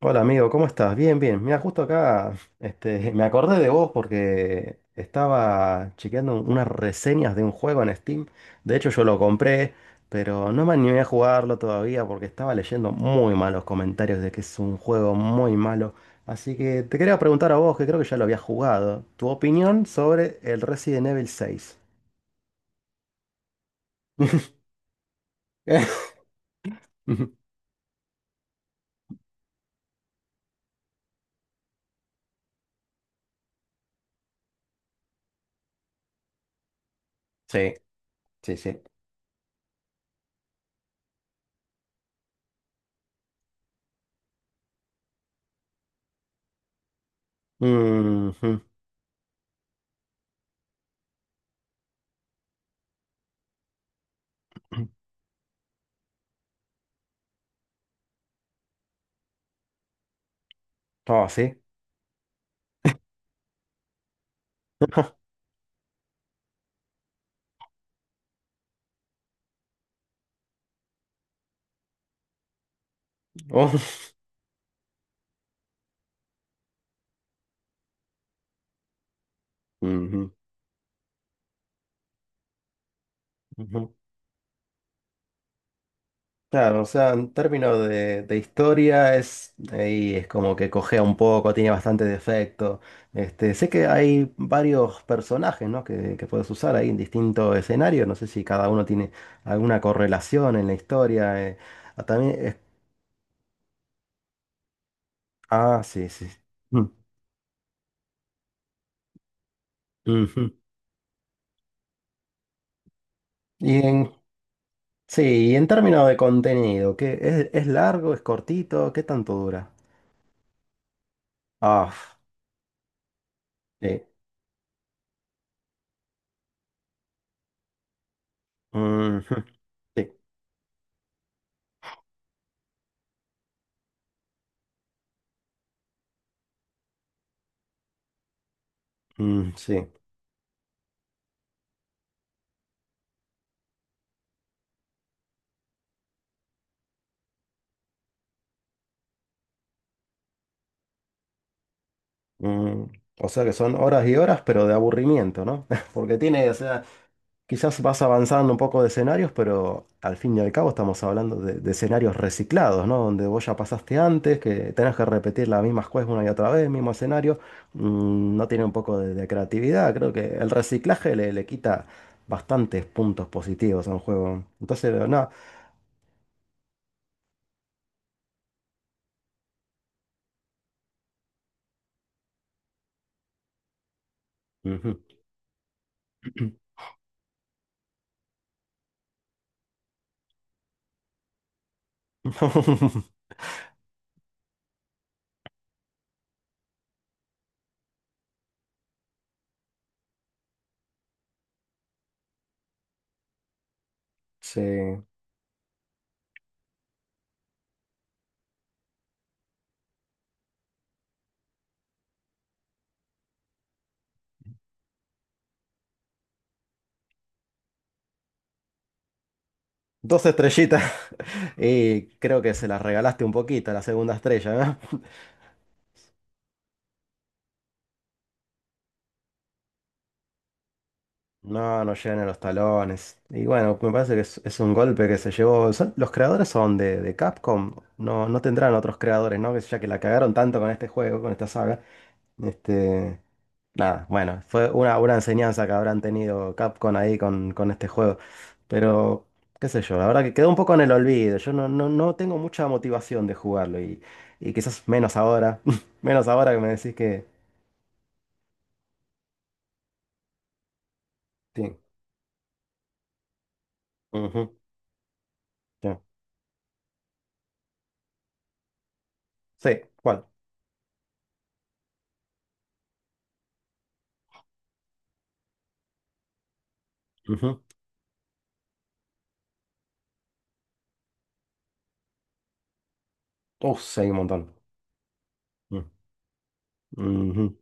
Hola amigo, ¿cómo estás? Bien, bien. Mira, justo acá, me acordé de vos porque estaba chequeando unas reseñas de un juego en Steam. De hecho, yo lo compré, pero no me animé a jugarlo todavía porque estaba leyendo muy malos comentarios de que es un juego muy malo. Así que te quería preguntar a vos, que creo que ya lo habías jugado, tu opinión sobre el Resident Evil 6. Sí, sí, sí. Mhm. Oh, sí. Oh. Ujú. Ujú. Claro, o sea, en términos de historia es ahí es como que cojea un poco, tiene bastante defecto. Sé que hay varios personajes, ¿no? que puedes usar ahí en distintos escenarios. No sé si cada uno tiene alguna correlación en la historia. Ah, también. Ah, sí, sí. Sí. Mm, ujú. Y en, sí, y en términos de contenido, ¿qué es largo, es cortito? ¿Qué tanto dura? Ah, sí. Ujú. Sí. Mm, sí. Mm, o sea que son horas y horas, pero de aburrimiento, ¿no? Porque tiene, o sea, quizás vas avanzando un poco de escenarios, pero al fin y al cabo estamos hablando de escenarios reciclados, ¿no? Donde vos ya pasaste antes, que tenés que repetir las mismas cosas una y otra vez, mismo escenario. No tiene un poco de creatividad. Creo que el reciclaje le quita bastantes puntos positivos a un juego. Entonces, nada. Ujú. Sí. Dos estrellitas y creo que se las regalaste un poquito a la segunda estrella, ¿no? No, no llegan a los talones. Y bueno, me parece que es un golpe que se llevó. Los creadores son de Capcom, no tendrán otros creadores, ¿no? Que ya que la cagaron tanto con este juego, con esta saga. Este, Nada, bueno, fue una enseñanza que habrán tenido Capcom ahí con este juego. Pero, qué sé yo, la verdad que quedó un poco en el olvido. Yo no tengo mucha motivación de jugarlo y quizás menos ahora. Menos ahora que me decís que... Sí. Ujú, sí. Sí, ¿cuál? Ujú. Sí, hay un montón. Mm,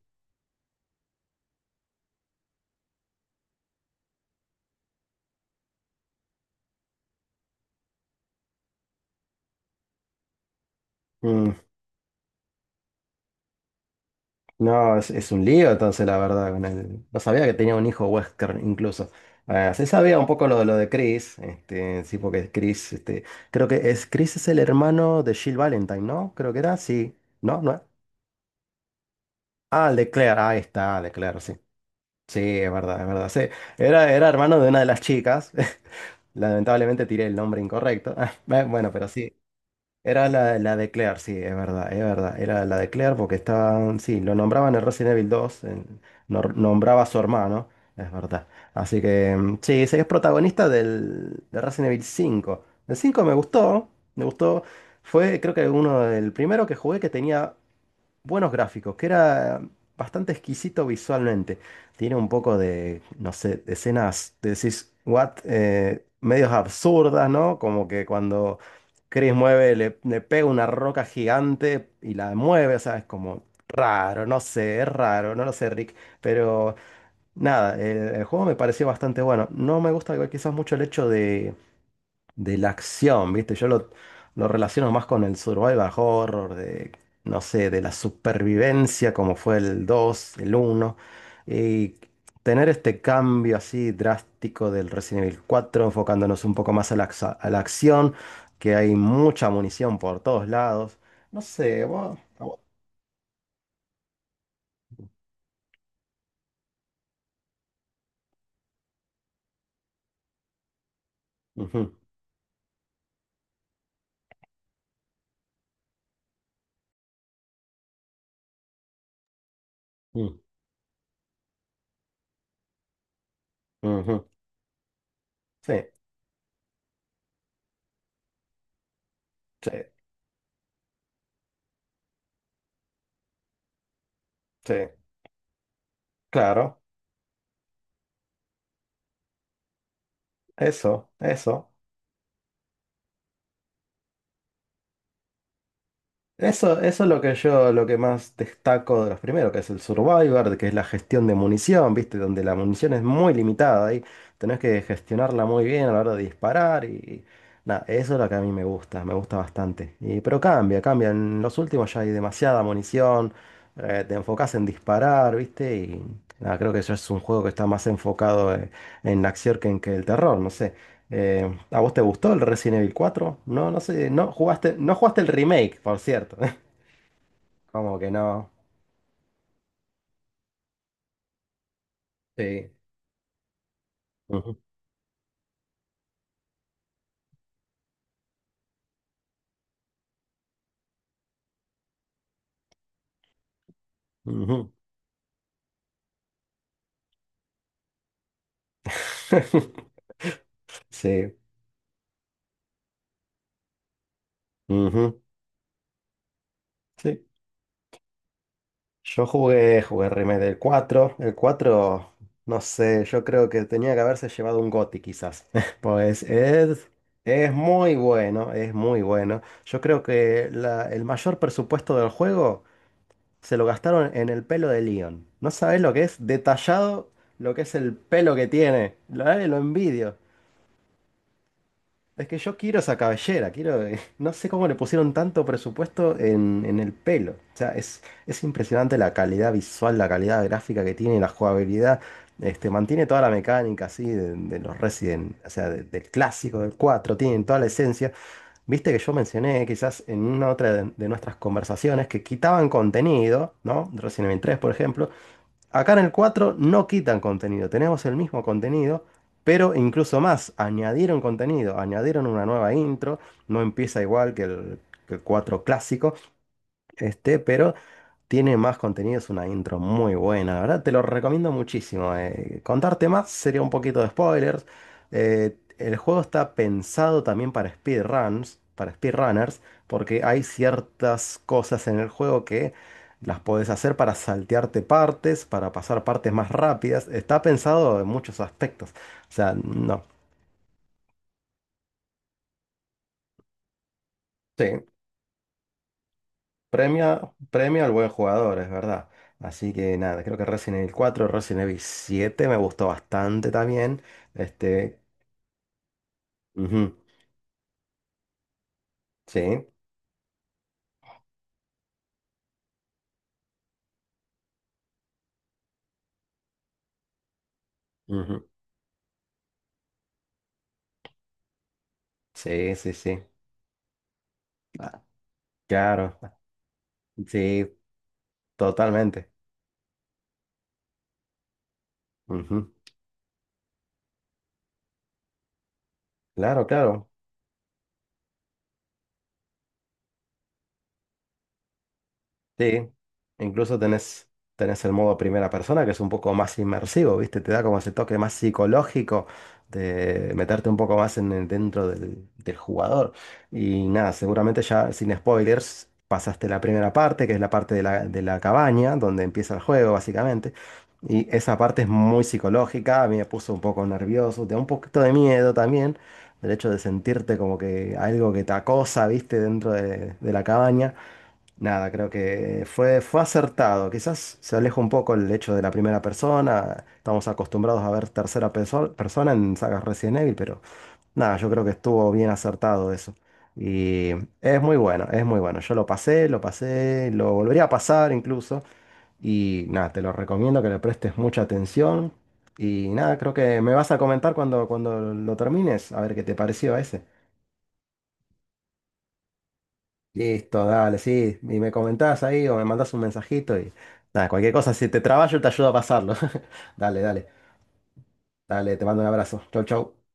ujú. No, es un lío entonces, la verdad, con él. No sabía que tenía un hijo Wesker incluso. Ah, sí sabía un poco lo, de Chris, sí, porque Chris, creo que Chris es el hermano de Jill Valentine, ¿no? Creo que era, sí. ¿No? ¿No? Ah, el de Claire, ahí está, el de Claire, sí. Sí, es verdad, sí. Era hermano de una de las chicas. Lamentablemente tiré el nombre incorrecto. Bueno, pero sí. Era la de Claire, sí, es verdad, es verdad. Era la de Claire porque estaban, sí, lo nombraban en Resident Evil 2 nombraba a su hermano, es verdad. Así que, mm, sí, sí, es protagonista de Resident Evil 5. El 5 me gustó, me gustó. Fue, creo que uno del primero que jugué que tenía buenos gráficos, que era bastante exquisito visualmente. Tiene un poco de, no sé, de escenas, de decís, what, medios absurdas, ¿no? Como que cuando Chris mueve, le pega una roca gigante y la mueve, o sea, es como raro, no sé, es raro, no lo sé, Rick, pero nada, el juego me pareció bastante bueno. No me gusta igual quizás mucho el hecho de la acción, ¿viste? Yo lo relaciono más con el survival horror, de, no sé, de la supervivencia, como fue el dos, el uno. Y tener este cambio así drástico del Resident Evil 4 enfocándonos un poco más a la acción, que hay mucha munición por todos lados. No sé, vos. Ujú, ujú, ujú. Sí, sí, sí, claro, eso, eso. Eso es lo que más destaco de los primeros, que es el Survivor, de que es la gestión de munición, ¿viste? Donde la munición es muy limitada y tenés que gestionarla muy bien a la hora de disparar y nada, eso es lo que a mí me gusta bastante. Pero cambia, cambia. En los últimos ya hay demasiada munición, te enfocás en disparar, ¿viste? Y nada, creo que eso es un juego que está más enfocado en la acción que en que el terror, no sé. ¿A vos te gustó el Resident Evil 4? No, no sé, no jugaste, no jugaste el remake, por cierto. Como que no. Sí. Ujú, ujú. Sí. Ujú. Sí. Yo jugué el remake del 4. El 4, no sé, yo creo que tenía que haberse llevado un GOTY quizás. Pues es muy bueno, es muy bueno. Yo creo que el mayor presupuesto del juego se lo gastaron en el pelo de Leon. No sabés lo que es detallado, lo que es el pelo que tiene. Lo envidio. Es que yo quiero esa cabellera, quiero. No sé cómo le pusieron tanto presupuesto en el pelo. O sea, es impresionante la calidad visual, la calidad gráfica que tiene, la jugabilidad. Mantiene toda la mecánica así de los Resident, o sea, del clásico, del 4 tienen toda la esencia. Viste que yo mencioné quizás en una otra de nuestras conversaciones que quitaban contenido, ¿no? Resident Evil 3, por ejemplo. Acá en el 4 no quitan contenido, tenemos el mismo contenido, pero incluso más, añadieron contenido, añadieron una nueva intro, no empieza igual que que el 4 clásico, pero tiene más contenido, es una intro muy buena, la verdad, te lo recomiendo muchísimo. Contarte más sería un poquito de spoilers. El juego está pensado también para speedruns, para speedrunners, porque hay ciertas cosas en el juego que las podés hacer para saltearte partes, para pasar partes más rápidas. Está pensado en muchos aspectos. O sea, no. Sí. Premia, premia al buen jugador, es verdad. Así que nada, creo que Resident Evil 4, Resident Evil 7 me gustó bastante también. Este, ujú, sí, ujú, sí, sí, sí. Ah, claro, ah, sí, totalmente. Ujú. Claro, claro. Sí, incluso tenés, tenés el modo primera persona, que es un poco más inmersivo, ¿viste? Te da como ese toque más psicológico de meterte un poco más dentro del jugador. Y nada, seguramente ya sin spoilers pasaste la primera parte, que es la parte de la cabaña, donde empieza el juego, básicamente. Y esa parte es muy psicológica, a mí me puso un poco nervioso, te da un poquito de miedo también, del hecho de sentirte como que algo que te acosa, ¿viste? Dentro de la cabaña. Nada, creo que fue acertado. Quizás se aleja un poco el hecho de la primera persona. Estamos acostumbrados a ver tercera persona en sagas Resident Evil, pero nada, yo creo que estuvo bien acertado eso. Y es muy bueno, es muy bueno. Yo lo pasé, lo pasé, lo volvería a pasar incluso. Y nada, te lo recomiendo que le prestes mucha atención. Y nada, creo que me vas a comentar cuando lo termines, a ver qué te pareció a ese. Listo, dale, sí. Y me comentás ahí o me mandás un mensajito y nada, cualquier cosa, si te trabajo te ayudo a pasarlo. Dale, dale, dale, te mando un abrazo. Chau, chau.